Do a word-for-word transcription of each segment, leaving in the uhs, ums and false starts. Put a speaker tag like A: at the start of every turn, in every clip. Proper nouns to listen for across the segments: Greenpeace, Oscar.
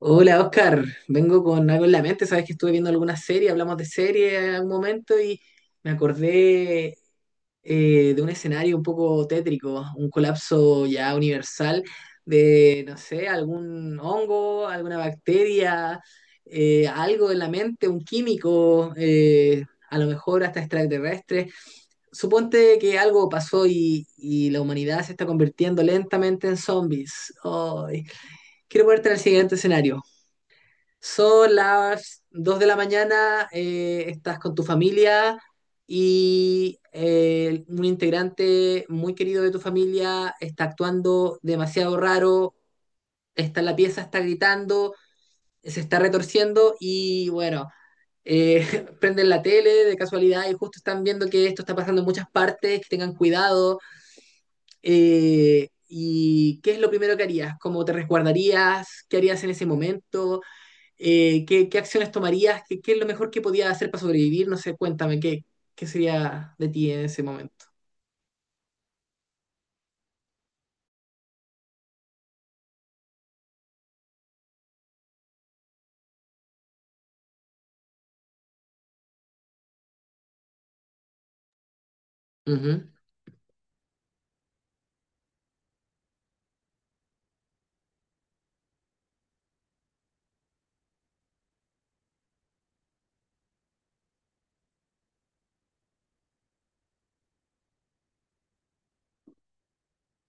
A: Hola Oscar, vengo con algo en la mente. Sabes que estuve viendo alguna serie, hablamos de serie en algún momento y me acordé eh, de un escenario un poco tétrico, un colapso ya universal de, no sé, algún hongo, alguna bacteria, eh, algo en la mente, un químico, eh, a lo mejor hasta extraterrestre. Suponte que algo pasó y, y la humanidad se está convirtiendo lentamente en zombies. Ay, quiero ponerte en el siguiente escenario. Son las dos de la mañana, eh, estás con tu familia y eh, un integrante muy querido de tu familia está actuando demasiado raro, está en la pieza, está gritando, se está retorciendo y bueno, eh, prenden la tele de casualidad y justo están viendo que esto está pasando en muchas partes, que tengan cuidado. eh, ¿Y qué es lo primero que harías? ¿Cómo te resguardarías? ¿Qué harías en ese momento? eh, ¿qué, qué acciones tomarías? ¿Qué, qué es lo mejor que podías hacer para sobrevivir? No sé, cuéntame, ¿qué, qué sería de ti en ese momento? Ujú,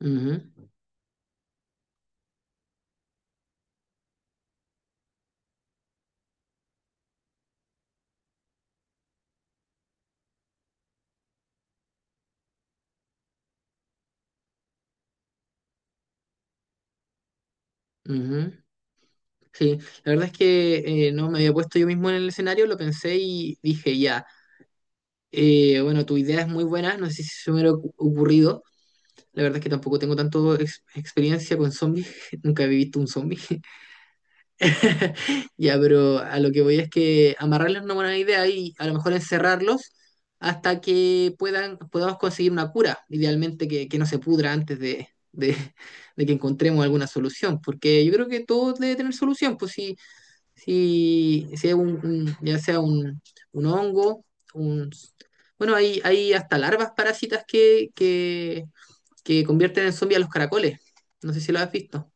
A: ujú, ujú. Sí, la verdad es que eh, no me había puesto yo mismo en el escenario, lo pensé y dije, ya, eh, bueno, tu idea es muy buena, no sé si se me hubiera ocu- ocurrido. La verdad es que tampoco tengo tanto ex- experiencia con zombies, nunca he visto un zombie. Ya, pero a lo que voy es que amarrarlos no es una buena idea y a lo mejor encerrarlos hasta que puedan, podamos conseguir una cura, idealmente que, que no se pudra antes de, de- de que encontremos alguna solución, porque yo creo que todo debe tener solución, pues si, si, si es un, un- ya sea un, un hongo, un, bueno, hay, hay hasta larvas parásitas que, que, que convierten en zombies a los caracoles, no sé si lo has visto.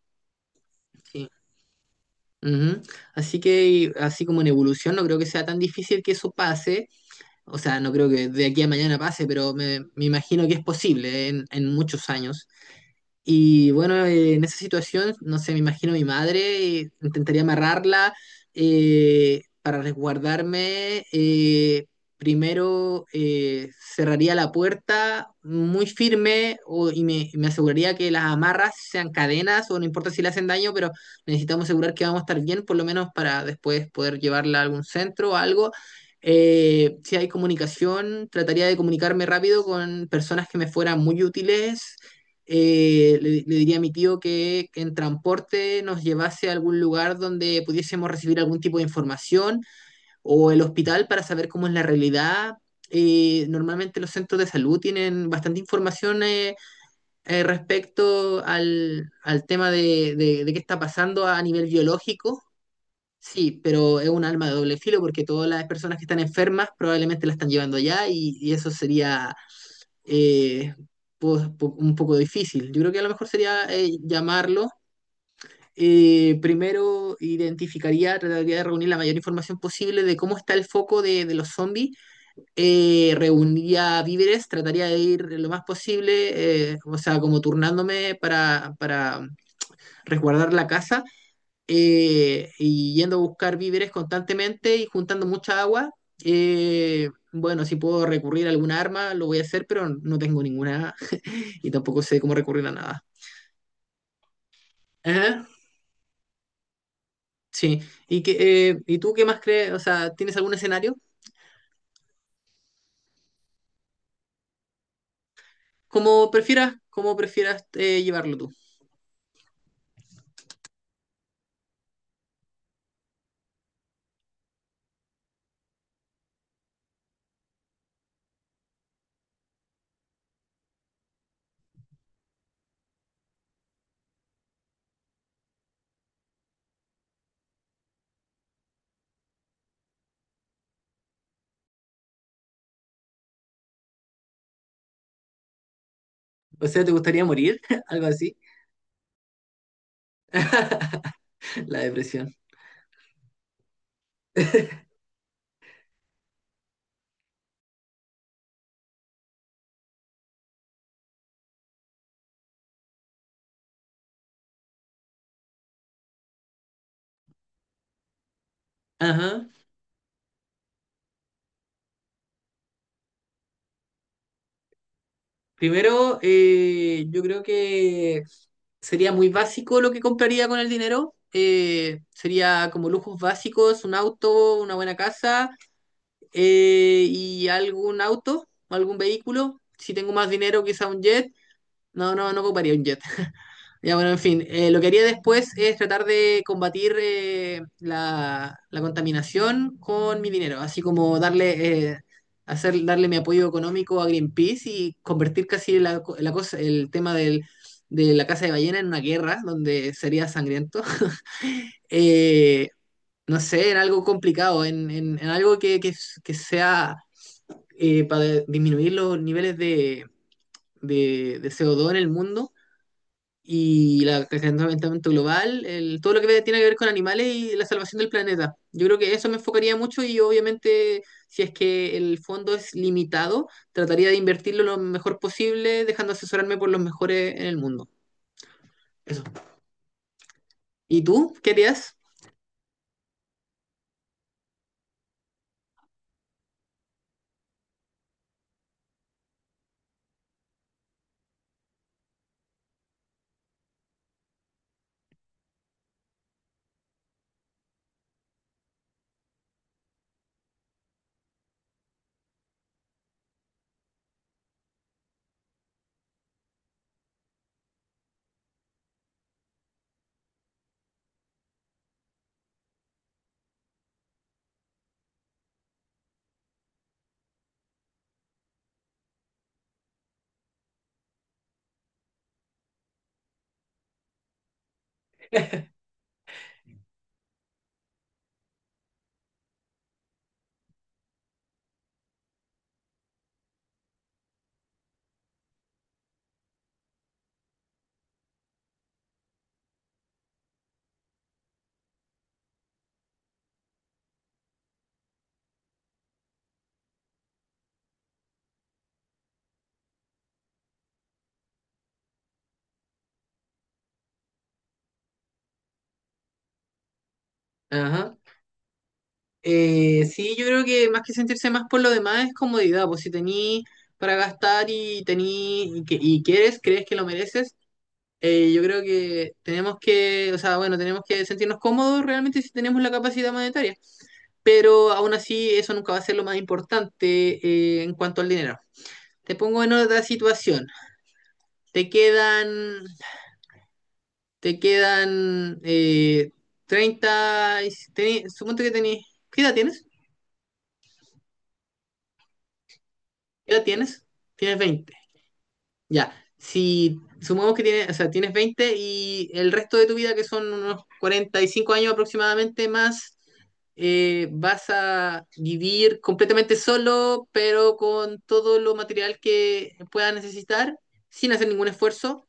A: Ujú. Así que, así como en evolución, no creo que sea tan difícil que eso pase. O sea, no creo que de aquí a mañana pase, pero me, me imagino que es posible en, en muchos años. Y bueno, eh, en esa situación, no sé, me imagino mi madre, eh, intentaría amarrarla eh, para resguardarme. Eh, primero eh, cerraría la puerta muy firme o- y me, y me aseguraría que las amarras sean cadenas o no importa si le hacen daño, pero necesitamos asegurar que vamos a estar bien, por lo menos para después poder llevarla a algún centro o algo. Eh, si hay comunicación, trataría de comunicarme rápido con personas que me fueran muy útiles. Eh, le, le diría a mi tío que, que en transporte nos llevase a algún lugar donde pudiésemos recibir algún tipo de información o el hospital para saber cómo es la realidad. Eh, normalmente los centros de salud tienen bastante información eh, eh, respecto al, al tema de, de- de qué está pasando a nivel biológico. Sí, pero es un arma de doble filo porque todas las personas que están enfermas probablemente la están llevando allá y, y eso sería eh, po- po- un poco difícil. Yo creo que a lo mejor sería eh, llamarlo. Eh, primero identificaría, trataría de reunir la mayor información posible de cómo está el foco de, de los zombies. Eh, reuniría víveres, trataría de ir lo más posible, eh, o sea, como turnándome para, para resguardar la casa eh, y yendo a buscar víveres constantemente y juntando mucha agua. Eh, bueno, si puedo recurrir a alguna arma, lo voy a hacer, pero no tengo ninguna y tampoco sé cómo recurrir a nada. Ajá, sí. ¿Y, que, eh, ¿y tú qué más crees? O sea, ¿tienes algún escenario? Como prefieras, como prefieras eh, llevarlo tú. O sea, ¿te gustaría morir? Algo así. La depresión. Ajá. Primero, eh, yo creo que sería muy básico lo que compraría con el dinero. Eh, sería como lujos básicos, un auto, una buena casa eh, y algún auto, algún vehículo. Si tengo más dinero, quizá un jet. No, no, no compraría un jet. Ya, bueno, en fin, eh, lo que haría después es tratar de combatir eh, la, la contaminación con mi dinero, así como darle, eh, hacer, darle mi apoyo económico a Greenpeace y convertir casi la, co- la cosa, el tema del, de la caza de ballena en una guerra donde sería sangriento. Eh, no sé, en algo complicado, en, en- en algo que, que- que sea eh, para disminuir los niveles de, de de C O dos en el mundo y la- el calentamiento global, el- todo lo que tiene que ver con animales y la salvación del planeta. Yo creo que eso me enfocaría mucho y obviamente si es que el fondo es limitado, trataría de invertirlo lo mejor posible, dejando asesorarme por los mejores en el mundo. Eso. ¿Y tú? ¿Qué harías? Ajá. Eh, sí, yo creo que más que sentirse más por lo demás es comodidad, pues si tení para gastar y tení y, que- y quieres, crees que lo mereces. Eh, yo creo que tenemos que, o sea, bueno, tenemos que sentirnos cómodos realmente si tenemos la capacidad monetaria, pero aún así eso nunca va a ser lo más importante eh, en cuanto al dinero. Te pongo en otra situación. Te quedan, te quedan eh, treinta, y- teni- suponte que tenés, ¿qué edad tienes? ¿Qué edad tienes? Tienes veinte. Ya, si sumamos que tienes, o sea, tienes veinte y el resto de tu vida, que son unos cuarenta y cinco años aproximadamente más, eh, vas a vivir completamente solo, pero con todo lo material que puedas necesitar, sin hacer ningún esfuerzo,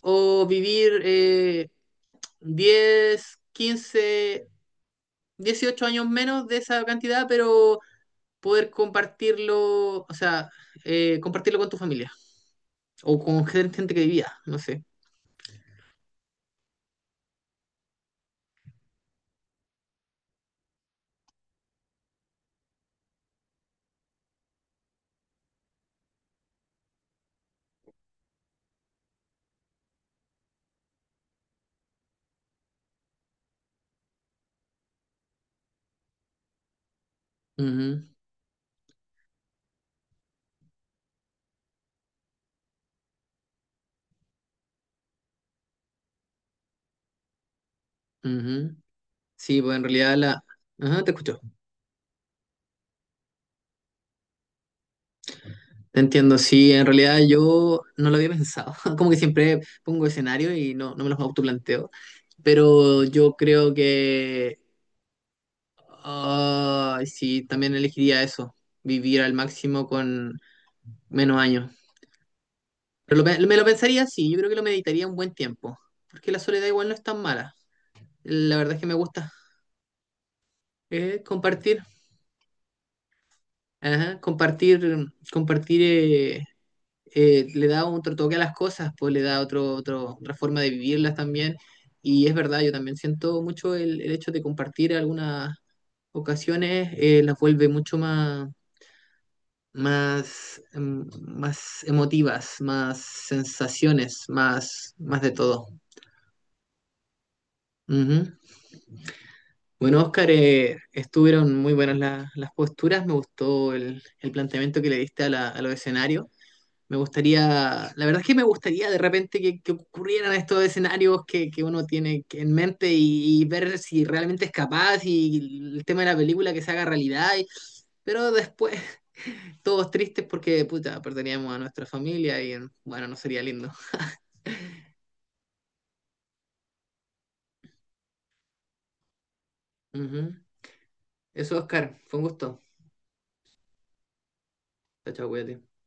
A: o vivir eh, diez, quince, dieciocho años menos de esa cantidad, pero poder compartirlo, o sea, eh, compartirlo con tu familia o con gente que vivía, no sé. Ujú, ujú. Sí, pues en realidad la... Ajá, te escucho. Te entiendo. Sí, en realidad yo no lo había pensado. Como que siempre pongo escenario y no, no me los autoplanteo. Pero yo creo que... ah, sí, también elegiría eso. Vivir al máximo con menos años. Pero lo pe- me lo pensaría, sí. Yo creo que lo meditaría un buen tiempo. Porque la soledad igual no es tan mala. La verdad es que me gusta. Eh, compartir. Ajá, compartir, compartir eh, eh, le da otro toque a las cosas, pues le da otro, otro- otra forma de vivirlas también. Y es verdad, yo también siento mucho el, el hecho de compartir algunas ocasiones. Eh, las vuelve mucho más, más, em, más emotivas, más sensaciones, más, más de todo. Ujú. Bueno, Oscar, eh, estuvieron muy buenas la- las posturas, me gustó el, el planteamiento que le diste a, la- a los escenarios. Me gustaría, la verdad es que me gustaría de repente que, que ocurrieran estos escenarios que, que uno tiene que- en mente y, y ver si realmente es capaz y el tema de la película que se haga realidad. Y- pero después todos tristes porque, puta, perderíamos a nuestra familia y bueno, no sería lindo. Ujú. Eso, Oscar, fue un gusto. Chao, chao, cuídate.